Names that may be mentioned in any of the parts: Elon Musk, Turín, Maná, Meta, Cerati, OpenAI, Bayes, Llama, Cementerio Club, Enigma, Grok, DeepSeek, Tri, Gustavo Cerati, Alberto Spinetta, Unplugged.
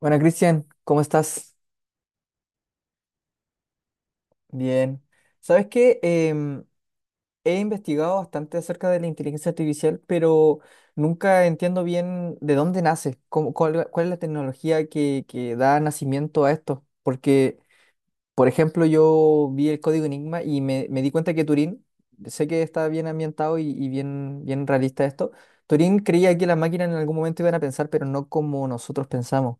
Bueno, Cristian, ¿cómo estás? Bien. ¿Sabes qué? He investigado bastante acerca de la inteligencia artificial, pero nunca entiendo bien de dónde nace, cuál, cuál es la tecnología que da nacimiento a esto, porque por ejemplo, yo vi el código Enigma y me di cuenta que Turín, sé que está bien ambientado y bien, bien realista esto. Turín creía que las máquinas en algún momento iban a pensar, pero no como nosotros pensamos.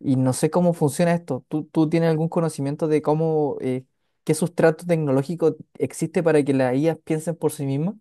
Y no sé cómo funciona esto. ¿Tú tienes algún conocimiento de cómo, qué sustrato tecnológico existe para que las IAs piensen por sí mismas?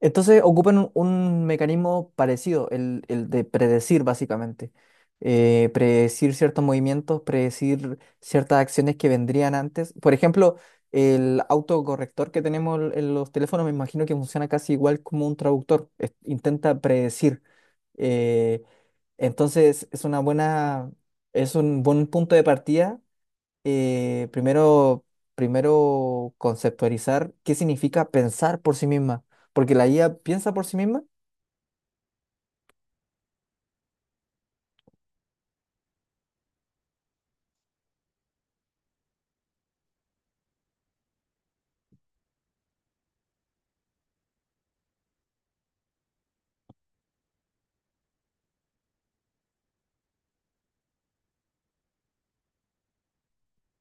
Entonces ocupan un mecanismo parecido, el de predecir básicamente. Predecir ciertos movimientos, predecir ciertas acciones que vendrían antes. Por ejemplo, el autocorrector que tenemos en los teléfonos me imagino que funciona casi igual como un traductor. Intenta predecir. Eh, entonces es una es un buen punto de partida. eh, primero, primero conceptualizar qué significa pensar por sí misma, porque la IA piensa por sí misma.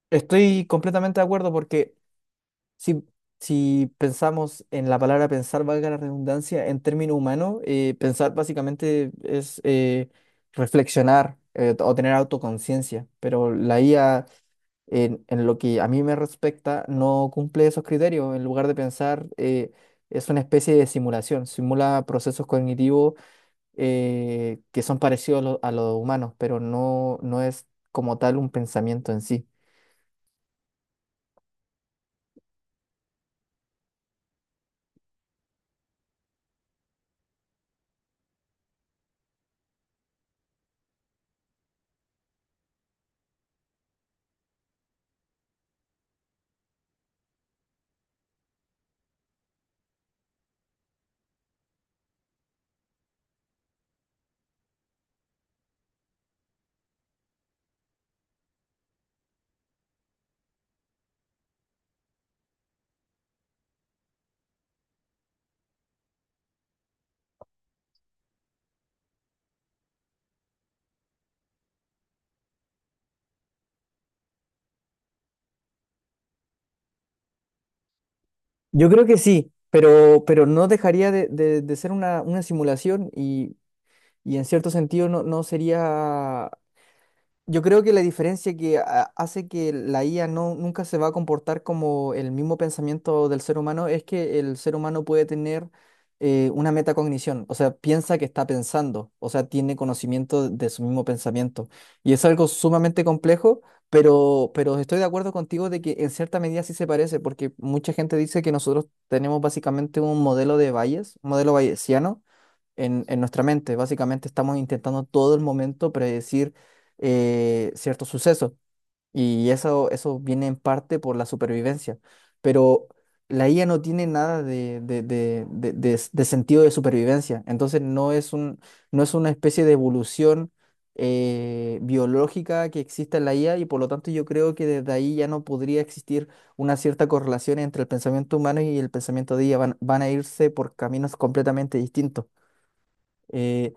Estoy completamente de acuerdo porque si, si pensamos en la palabra pensar, valga la redundancia, en términos humanos, pensar básicamente es reflexionar, o tener autoconciencia, pero la IA... en lo que a mí me respecta, no cumple esos criterios. En lugar de pensar, es una especie de simulación, simula procesos cognitivos que son parecidos a a los humanos, pero no es como tal un pensamiento en sí. Yo creo que sí, pero no dejaría de ser una simulación y en cierto sentido no sería. Yo creo que la diferencia hace que la IA no, nunca se va a comportar como el mismo pensamiento del ser humano es que el ser humano puede tener una metacognición, o sea, piensa que está pensando, o sea, tiene conocimiento de su mismo pensamiento. Y es algo sumamente complejo, pero estoy de acuerdo contigo de que en cierta medida sí se parece, porque mucha gente dice que nosotros tenemos básicamente un modelo de Bayes, un modelo bayesiano en nuestra mente. Básicamente estamos intentando todo el momento predecir ciertos sucesos eso viene en parte por la supervivencia. Pero la IA no tiene nada de sentido de supervivencia, entonces no es no es una especie de evolución biológica que exista en la IA, y por lo tanto yo creo que desde ahí ya no podría existir una cierta correlación entre el pensamiento humano y el pensamiento de IA. Van a irse por caminos completamente distintos. Eh,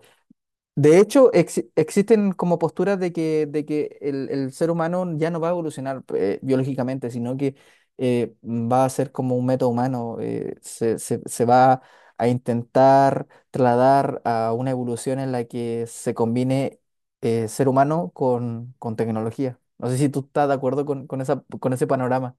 de hecho, existen como posturas de que el ser humano ya no va a evolucionar, biológicamente, sino que va a ser como un meta humano, se va a intentar trasladar a una evolución en la que se combine, ser humano con tecnología. No sé si tú estás de acuerdo con esa, con ese panorama.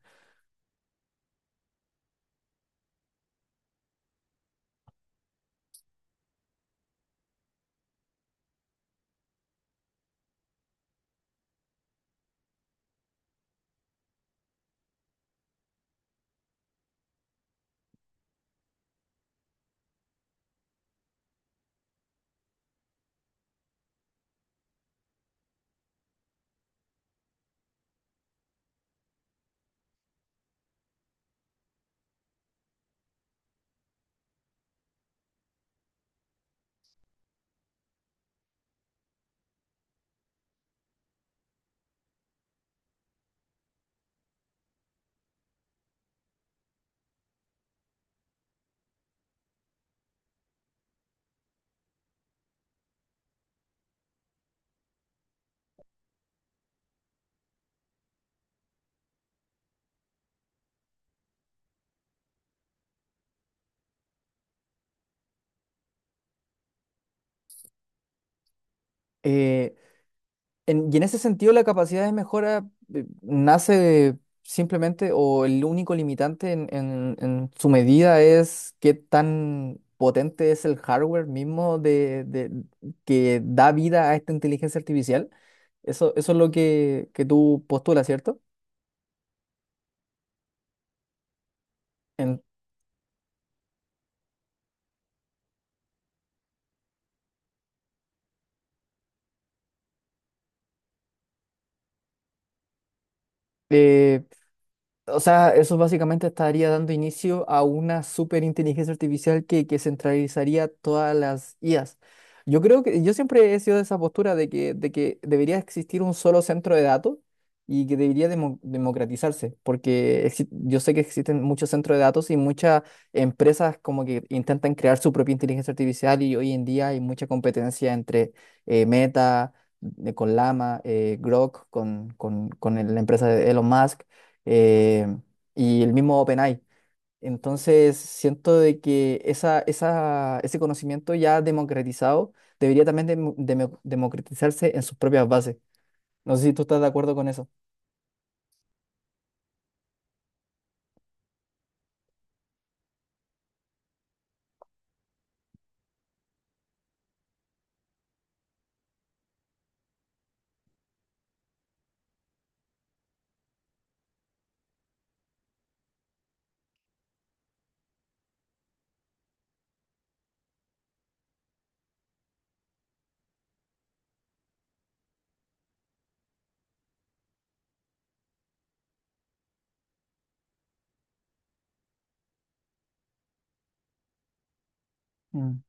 Eh, En- Y en ese sentido, la capacidad de mejora nace simplemente, o el único limitante en su medida es qué tan potente es el hardware mismo que da vida a esta inteligencia artificial. Eso es lo que tú postulas, ¿cierto? En- eh, O sea, eso básicamente estaría dando inicio a una superinteligencia artificial que centralizaría todas las IAs. Yo creo que yo siempre he sido de esa postura de que debería existir un solo centro de datos y que debería democratizarse, porque yo sé que existen muchos centros de datos y muchas empresas como que intentan crear su propia inteligencia artificial, y hoy en día hay mucha competencia entre Meta, con Llama, Grok, con la empresa de Elon Musk, eh, y el mismo OpenAI. Entonces, siento de que esa, ese conocimiento ya democratizado debería también democratizarse en sus propias bases. No sé si tú estás de acuerdo con eso. Mm.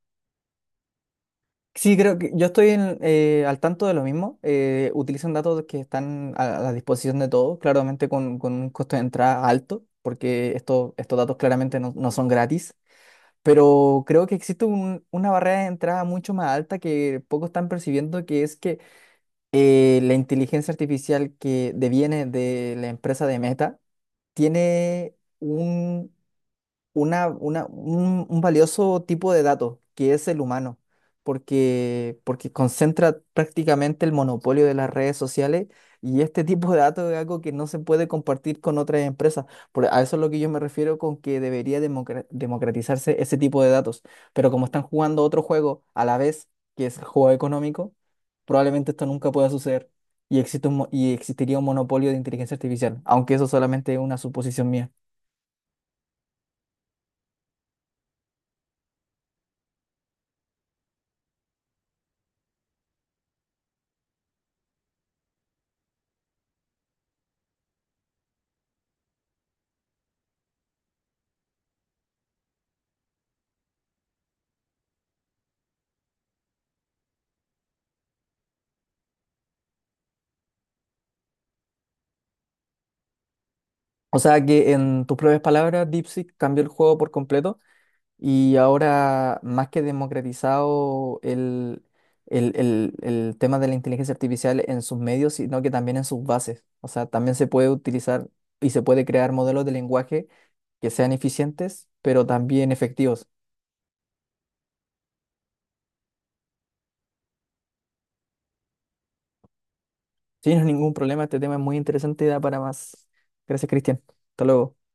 Sí, creo que yo estoy al tanto de lo mismo. Utilizan datos que están a la disposición de todos, claramente con un costo de entrada alto, porque estos datos claramente no son gratis. Pero creo que existe una barrera de entrada mucho más alta que pocos están percibiendo, que es que la inteligencia artificial que deviene de la empresa de Meta tiene un, una- un valioso tipo de dato, que es el humano, porque, porque concentra prácticamente el monopolio de las redes sociales, y este tipo de datos es algo que no se puede compartir con otras empresas. Por, a eso es lo que yo me refiero con que debería democratizarse ese tipo de datos. Pero como están jugando otro juego a la vez, que es el juego económico, probablemente esto nunca pueda suceder. Existe un mo- y existiría un monopolio de inteligencia artificial, aunque eso solamente es una suposición mía. O sea que en tus propias palabras, DeepSeek cambió el juego por completo, y ahora más que democratizado el tema de la inteligencia artificial en sus medios, sino que también en sus bases. O sea, también se puede utilizar y se puede crear modelos de lenguaje que sean eficientes, pero también efectivos. Sin ningún problema, este tema es muy interesante y da para más. Gracias, Cristian. Hasta luego.